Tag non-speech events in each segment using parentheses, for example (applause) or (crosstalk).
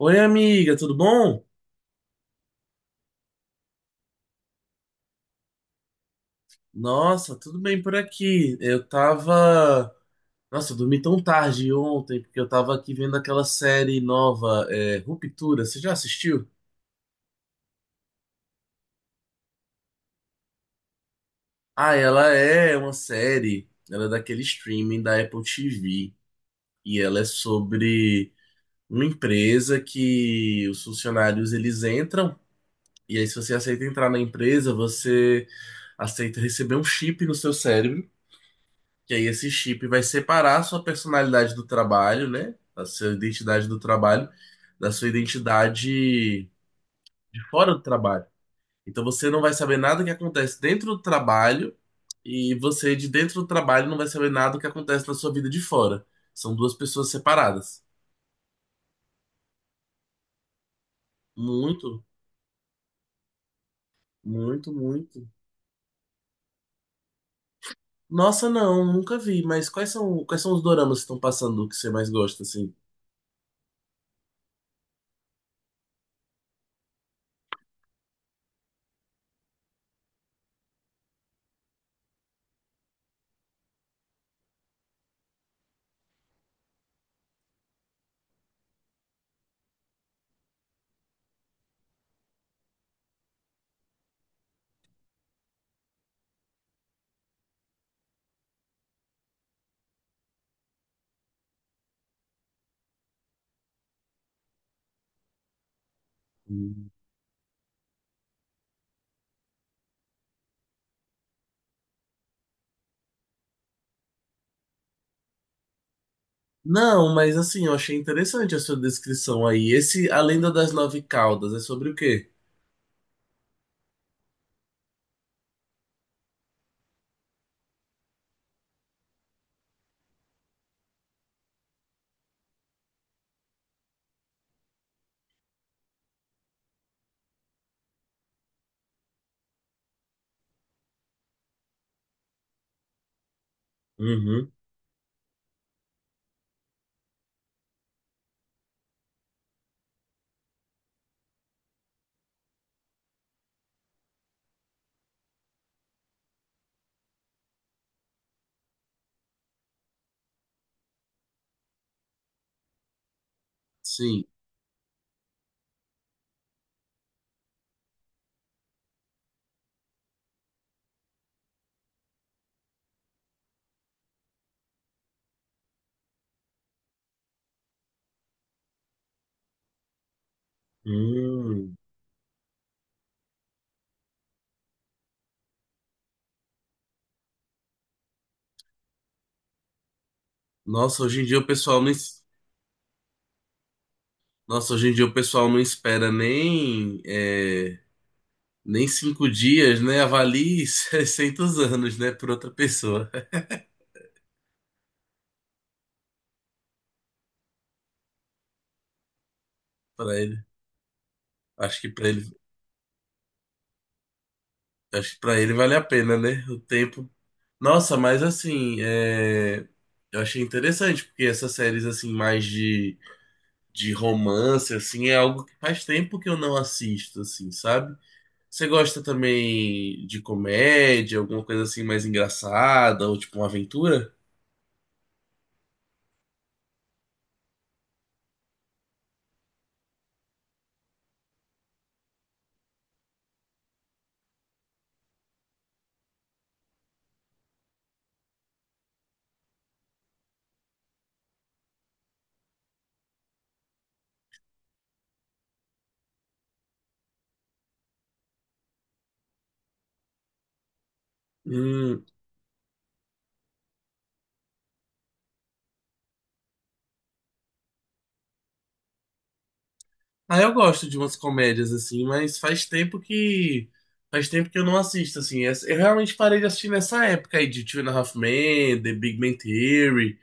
Oi, amiga, tudo bom? Nossa, tudo bem por aqui. Eu tava. Nossa, eu dormi tão tarde ontem, porque eu tava aqui vendo aquela série nova, Ruptura. Você já assistiu? Ah, ela é uma série. Ela é daquele streaming da Apple TV. E ela é sobre uma empresa que os funcionários eles entram. E aí, se você aceita entrar na empresa, você aceita receber um chip no seu cérebro. Que aí esse chip vai separar a sua personalidade do trabalho, né? A sua identidade do trabalho, da sua identidade de fora do trabalho. Então você não vai saber nada que acontece dentro do trabalho e você de dentro do trabalho não vai saber nada que acontece na sua vida de fora. São duas pessoas separadas. Muito, muito, muito. Nossa, não, nunca vi, mas quais são os doramas que estão passando que você mais gosta, assim? Não, mas assim, eu achei interessante a sua descrição aí. Esse A Lenda das Nove Caudas é sobre o quê? Uhum, sim. Hum. Nossa, hoje em dia o pessoal não, Nossa, hoje em dia o pessoal não espera nem nem cinco dias, né? Avalie (laughs) 600 anos, né, por outra pessoa. (laughs) Para ele, acho que para ele, acho que para ele vale a pena, né? O tempo. Nossa, mas assim, eu achei interessante porque essas séries assim mais de romance, assim, é algo que faz tempo que eu não assisto, assim, sabe? Você gosta também de comédia, alguma coisa assim mais engraçada, ou tipo uma aventura? Hum. Ah, eu gosto de umas comédias, assim, mas faz tempo que. Faz tempo que eu não assisto, assim. Eu realmente parei de assistir nessa época aí de Two and a Half Men, The Big Bang Theory.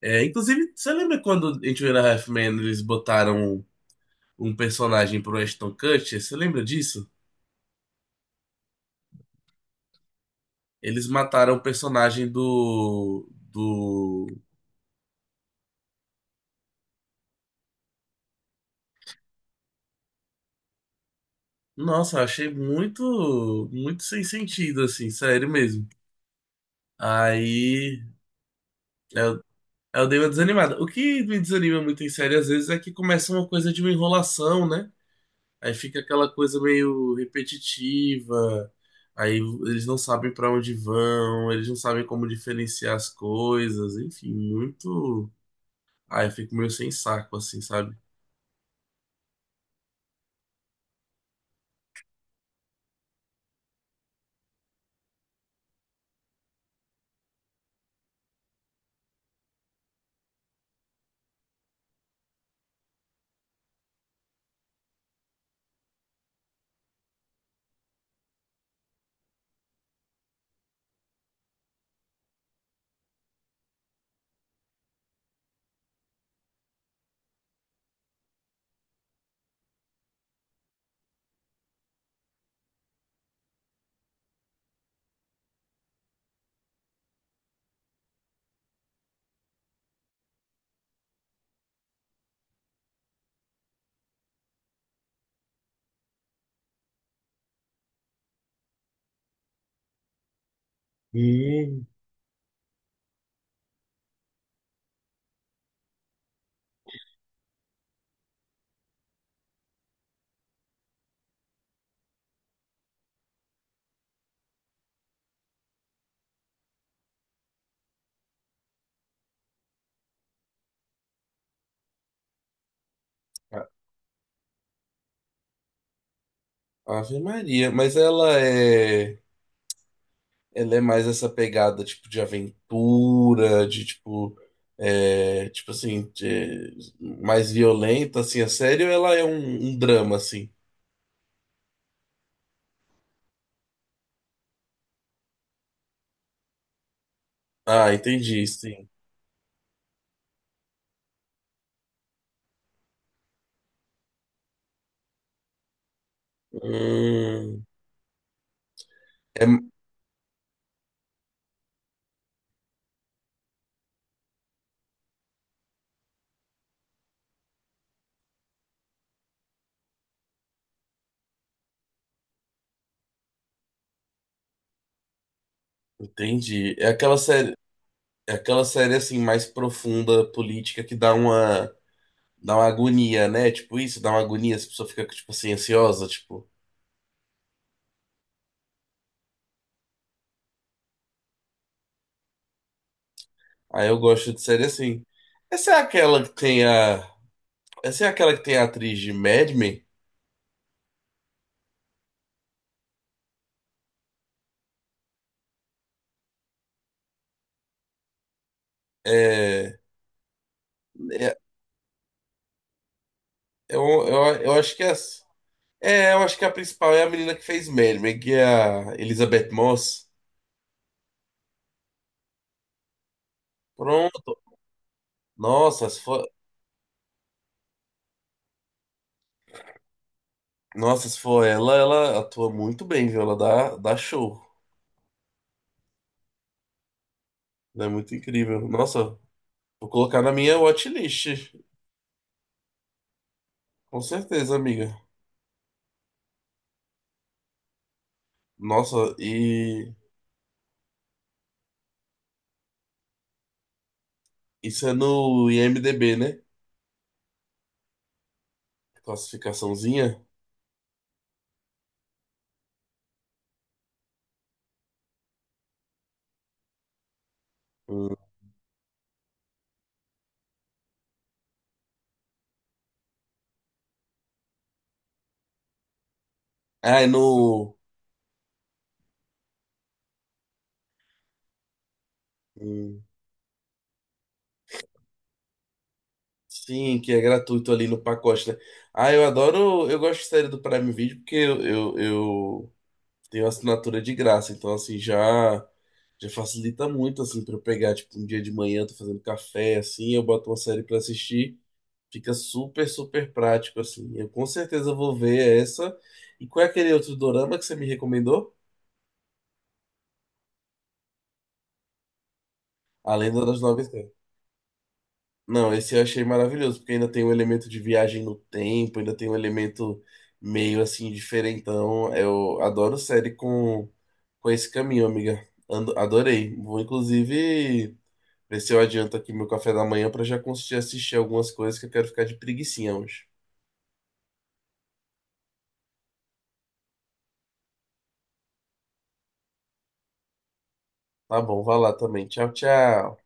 É, inclusive, você lembra quando em Two and a Half Men eles botaram um personagem pro Ashton Kutcher? Você lembra disso? Eles mataram o personagem do... Nossa, eu achei muito, muito sem sentido, assim, sério mesmo. Aí eu, eu dei uma desanimada. O que me desanima muito em série, às vezes, é que começa uma coisa de uma enrolação, né? Aí fica aquela coisa meio repetitiva. Aí eles não sabem pra onde vão, eles não sabem como diferenciar as coisas, enfim, muito. Aí eu fico meio sem saco, assim, sabe? Hum. Ave Maria, mas ela é mais essa pegada tipo de aventura, de tipo, tipo assim, mais violenta assim, a série, ou ela é um drama assim? Ah, entendi, sim. Hum, é- entendi. É aquela série assim mais profunda política que dá uma agonia, né? Tipo isso, dá uma agonia, as pessoas ficam tipo assim ansiosa, tipo. Aí eu gosto de série assim. Essa é aquela que tem a Essa é aquela que tem a atriz de Mad Men? É, é- eu, eu acho que é, essa. É, eu acho que a principal é a menina que fez Mad Men, que é a Elizabeth Moss. Pronto. Nossa, se for, nossa, se for ela, ela atua muito bem, viu? Ela dá, dá show. Ela é muito incrível. Nossa, vou colocar na minha watchlist. Com certeza, amiga. Nossa, e isso é no IMDb, né? Classificaçãozinha. Hum. Ah, é no. Hum. Sim, que é gratuito ali no pacote, né? Ah, eu adoro, eu gosto de série do Prime Video porque eu tenho assinatura de graça, então assim já facilita muito assim para eu pegar tipo um dia de manhã, tô fazendo café assim, eu boto uma série para assistir, fica super prático assim. Eu com certeza vou ver essa. E qual é aquele outro dorama que você me recomendou? A Lenda das Nove Terras. Não, esse eu achei maravilhoso, porque ainda tem o elemento de viagem no tempo, ainda tem um elemento meio assim diferentão. Eu adoro série com esse caminho, amiga. Adorei. Vou inclusive ver se eu adianto aqui meu café da manhã para já conseguir assistir algumas coisas que eu quero ficar de preguicinha hoje. Tá bom, vai lá também. Tchau, tchau.